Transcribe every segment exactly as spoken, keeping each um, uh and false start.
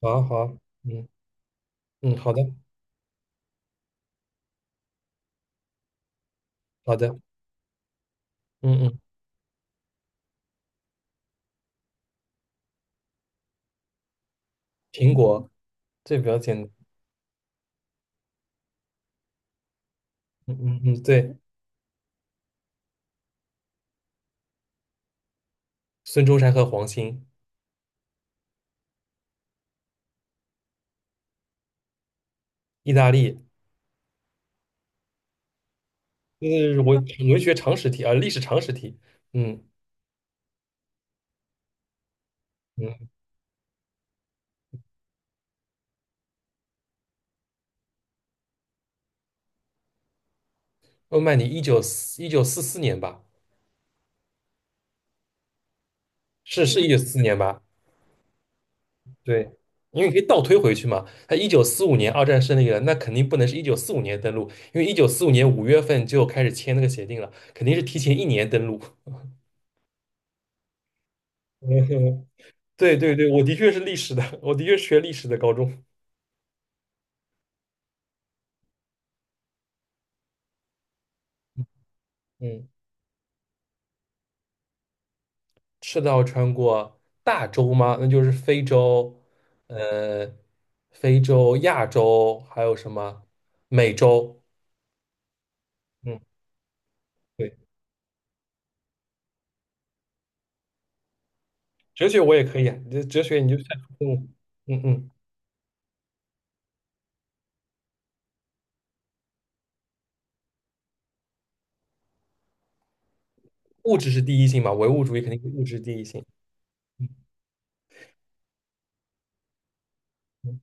好好，嗯嗯，好的好的，嗯嗯，苹果，这比较简单。嗯嗯嗯，对，孙中山和黄兴。意大利。就是文我学常识题啊，历史常识题。嗯嗯，欧曼尼一九四一九四四年吧，是是一九四四年吧？对，因为可以倒推回去嘛，他一九四五年二战胜利了，那肯定不能是一九四五年登陆，因为一九四五年五月份就开始签那个协定了，肯定是提前一年登陆。嗯，对对对，我的确是历史的，我的确是学历史的高中。嗯，赤道穿过大洲吗？那就是非洲，呃，非洲、亚洲，还有什么美洲？嗯，对，哲学我也可以啊，这哲学你就算嗯嗯嗯，物质是第一性嘛，唯物主义肯定是物质第一性。嗯嗯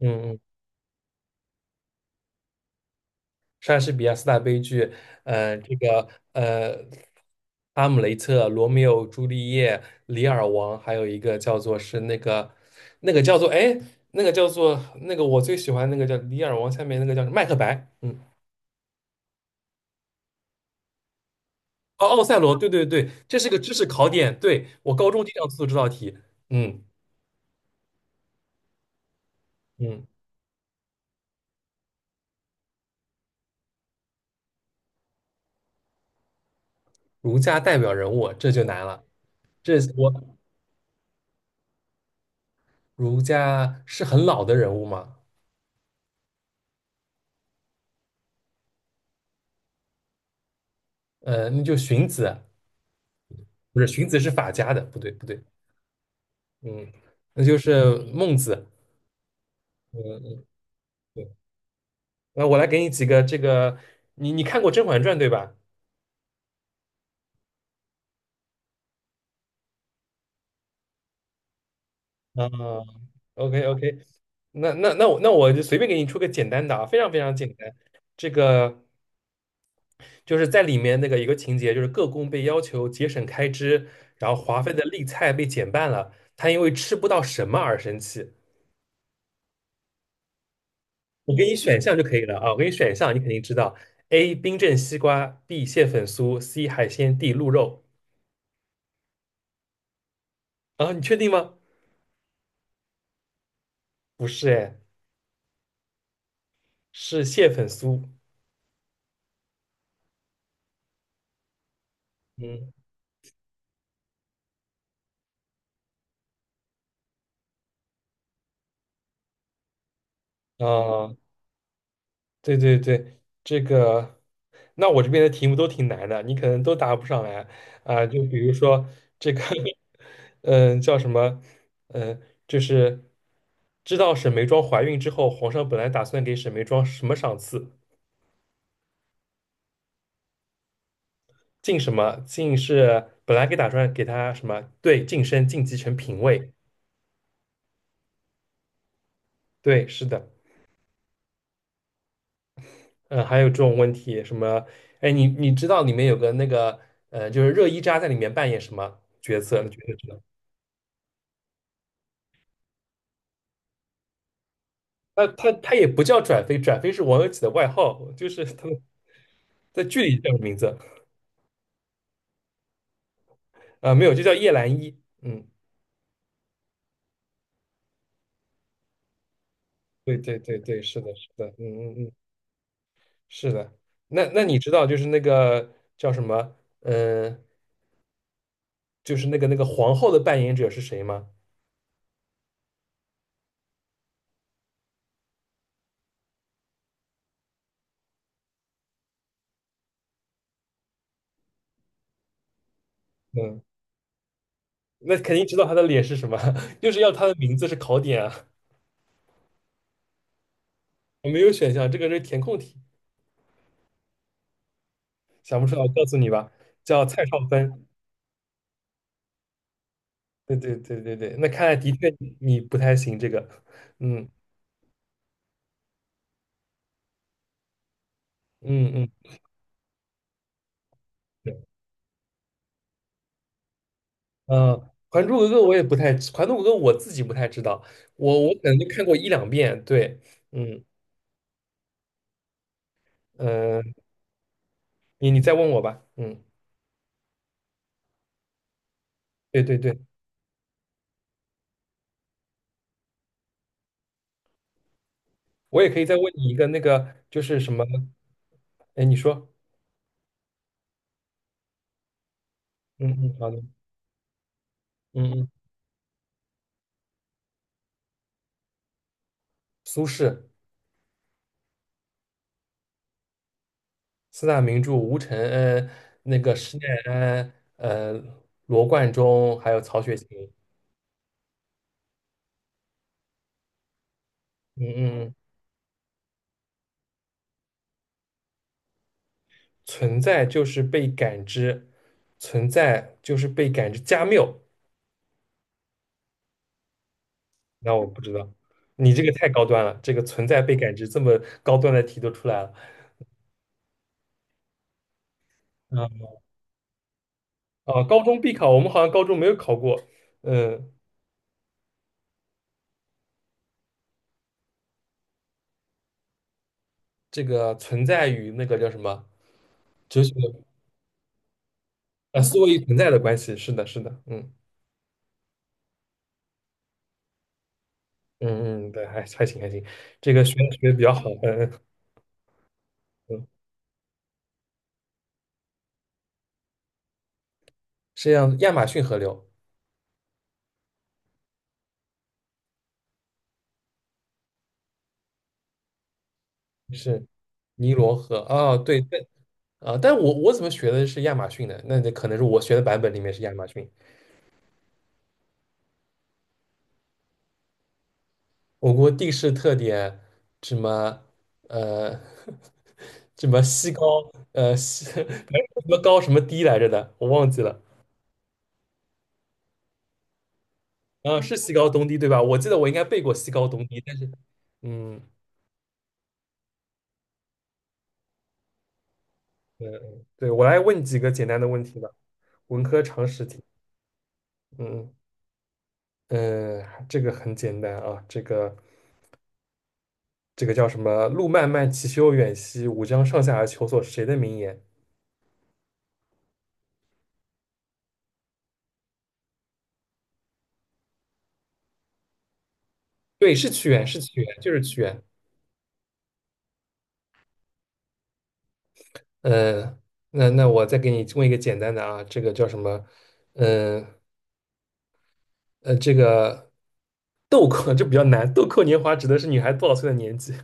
嗯嗯。莎士比亚四大悲剧，呃，这个呃，《哈姆雷特》《罗密欧与朱丽叶》《李尔王》，还有一个叫做是那个，那个叫做哎，那个叫做那个我最喜欢那个叫《李尔王》，下面那个叫什么《麦克白》。嗯，哦，《奥赛罗》，对对对，这是个知识考点，对，我高中经常做这道题。嗯嗯，儒家代表人物这就难了，这我儒家是很老的人物吗？呃，那就荀子，不是荀子是法家的，不对不对。嗯，那就是孟子。嗯嗯，对。那我来给你几个这个，你你看过《甄嬛传》对吧？啊，OK OK，那那那我那我就随便给你出个简单的啊，非常非常简单。这个就是在里面那个一个情节，就是各宫被要求节省开支，然后华妃的例菜被减半了，她因为吃不到什么而生气。我给你选项就可以了啊，我给你选项，你肯定知道。A. 冰镇西瓜，B. 蟹粉酥，C. 海鲜，D. 鹿肉。啊，你确定吗？不是哎，是蟹粉酥。嗯，啊，对对对，这个，那我这边的题目都挺难的，你可能都答不上来啊。就比如说这个，嗯，叫什么？嗯，就是知道沈眉庄怀孕之后，皇上本来打算给沈眉庄什么赏赐？晋什么？晋是本来给打算给她什么？对，晋升晋级成嫔位。对，是的。嗯，还有这种问题，什么？哎，你你知道里面有个那个，呃，就是热依扎在里面扮演什么角色？你觉得知道？他他他也不叫转飞，转飞是王有几的外号，就是 他们在剧里叫的名字。啊、没有，就叫叶澜依。嗯，对对对对，是的，是的，嗯嗯嗯，是的。那那你知道就是那个叫什么？嗯、就是那个那个皇后的扮演者是谁吗？嗯，那肯定知道她的脸是什么，就是要她的名字是考点啊。我没有选项，这个是填空题。想不出来，我告诉你吧，叫蔡少芬。对对对对对，那看来的确你不太行这个。嗯嗯嗯，对，呃，《还珠格格》我也不太，《还珠格格》我自己不太知道，我我可能就看过一两遍，对。嗯呃，你你再问我吧。嗯，对对对，我也可以再问你一个那个就是什么，哎，你说。嗯嗯，好的。嗯嗯，苏轼。四大名著吴承恩、那个施耐庵、呃罗贯中，还有曹雪芹。嗯嗯，嗯，存在就是被感知，存在就是被感知。加缪，那我不知道，你这个太高端了，这个存在被感知这么高端的题都出来了。嗯，啊，高中必考，我们好像高中没有考过。嗯，这个存在与那个叫什么哲学的呃思维与存在的关系，是的，是的。嗯嗯嗯，对，还还行还行。这个学的学的比较好。嗯嗯嗯，是这样，亚马逊河流，是尼罗河。啊，对对，啊、但我我怎么学的是亚马逊的？那那可能是我学的版本里面是亚马逊。我国地势特点，什么，呃，什么西高，呃西，反正什么高什么低来着的，我忘记了。啊、是西高东低对吧？我记得我应该背过西高东低，但是，嗯嗯，嗯，对，我来问你几个简单的问题吧，文科常识题。嗯嗯，呃，这个很简单啊，这个。这个叫什么“路漫漫其修远兮，吾将上下而求索”是谁的名言？对，是屈原，是屈原，就是屈原。嗯，那那我再给你问一个简单的啊，这个叫什么？嗯呃，这个豆蔻就 比较难，豆蔻年华指的是女孩多少岁的年纪？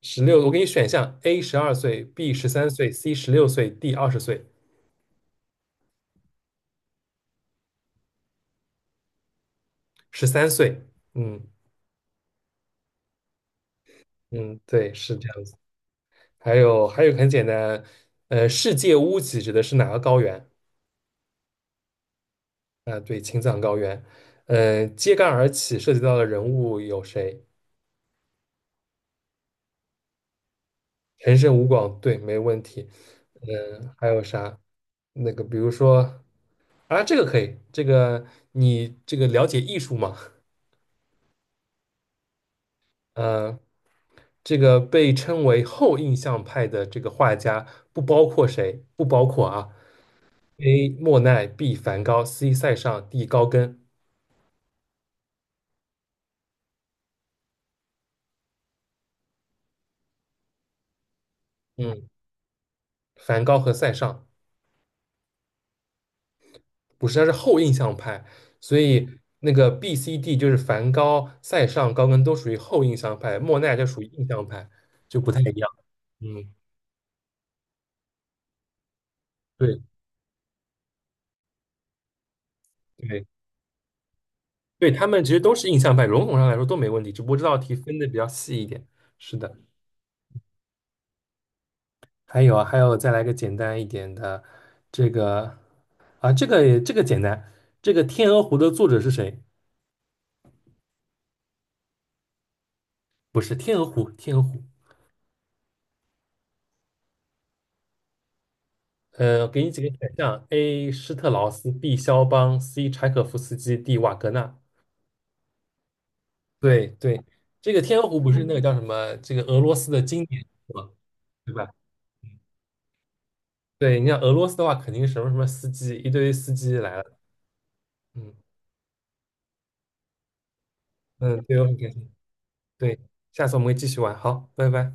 十六，我给你选项：A 十二岁，B 十三岁，C 十六岁，D 二十岁，十三岁。嗯嗯，对，是这样的。还有，还有很简单，呃，世界屋脊指的是哪个高原？啊，对，青藏高原。呃，揭竿而起涉及到的人物有谁？陈胜吴广，对，没问题。嗯、还有啥？那个，比如说，啊，这个可以，这个你这个了解艺术吗？呃，这个被称为后印象派的这个画家，不包括谁？不包括啊，A. 莫奈，B. 梵高，C. 塞尚，D. 高更。嗯，梵高和塞尚。不是，它是后印象派，所以那个 B、C、D 就是梵高、塞尚、高更都属于后印象派，莫奈就属于印象派，就不太一样。嗯，对对对，他们其实都是印象派，笼统上来说都没问题，只不过这道题分的比较细一点。是的，还有啊，还有再来个简单一点的，这个啊，这个也这个简单，这个《天鹅湖》的作者是谁？不是《天鹅湖》，《天鹅湖》呃，给你几个选项：A. 施特劳斯，B. 肖邦，C. 柴可夫斯基，D. 瓦格纳。对对，这个《天鹅湖》不是那个叫什么？这个俄罗斯的经典是吧？对吧？嗯，对，你像俄罗斯的话，肯定是什么什么司机，一堆司机来了。嗯嗯，对我很开心。对，下次我们会继续玩。好，拜拜。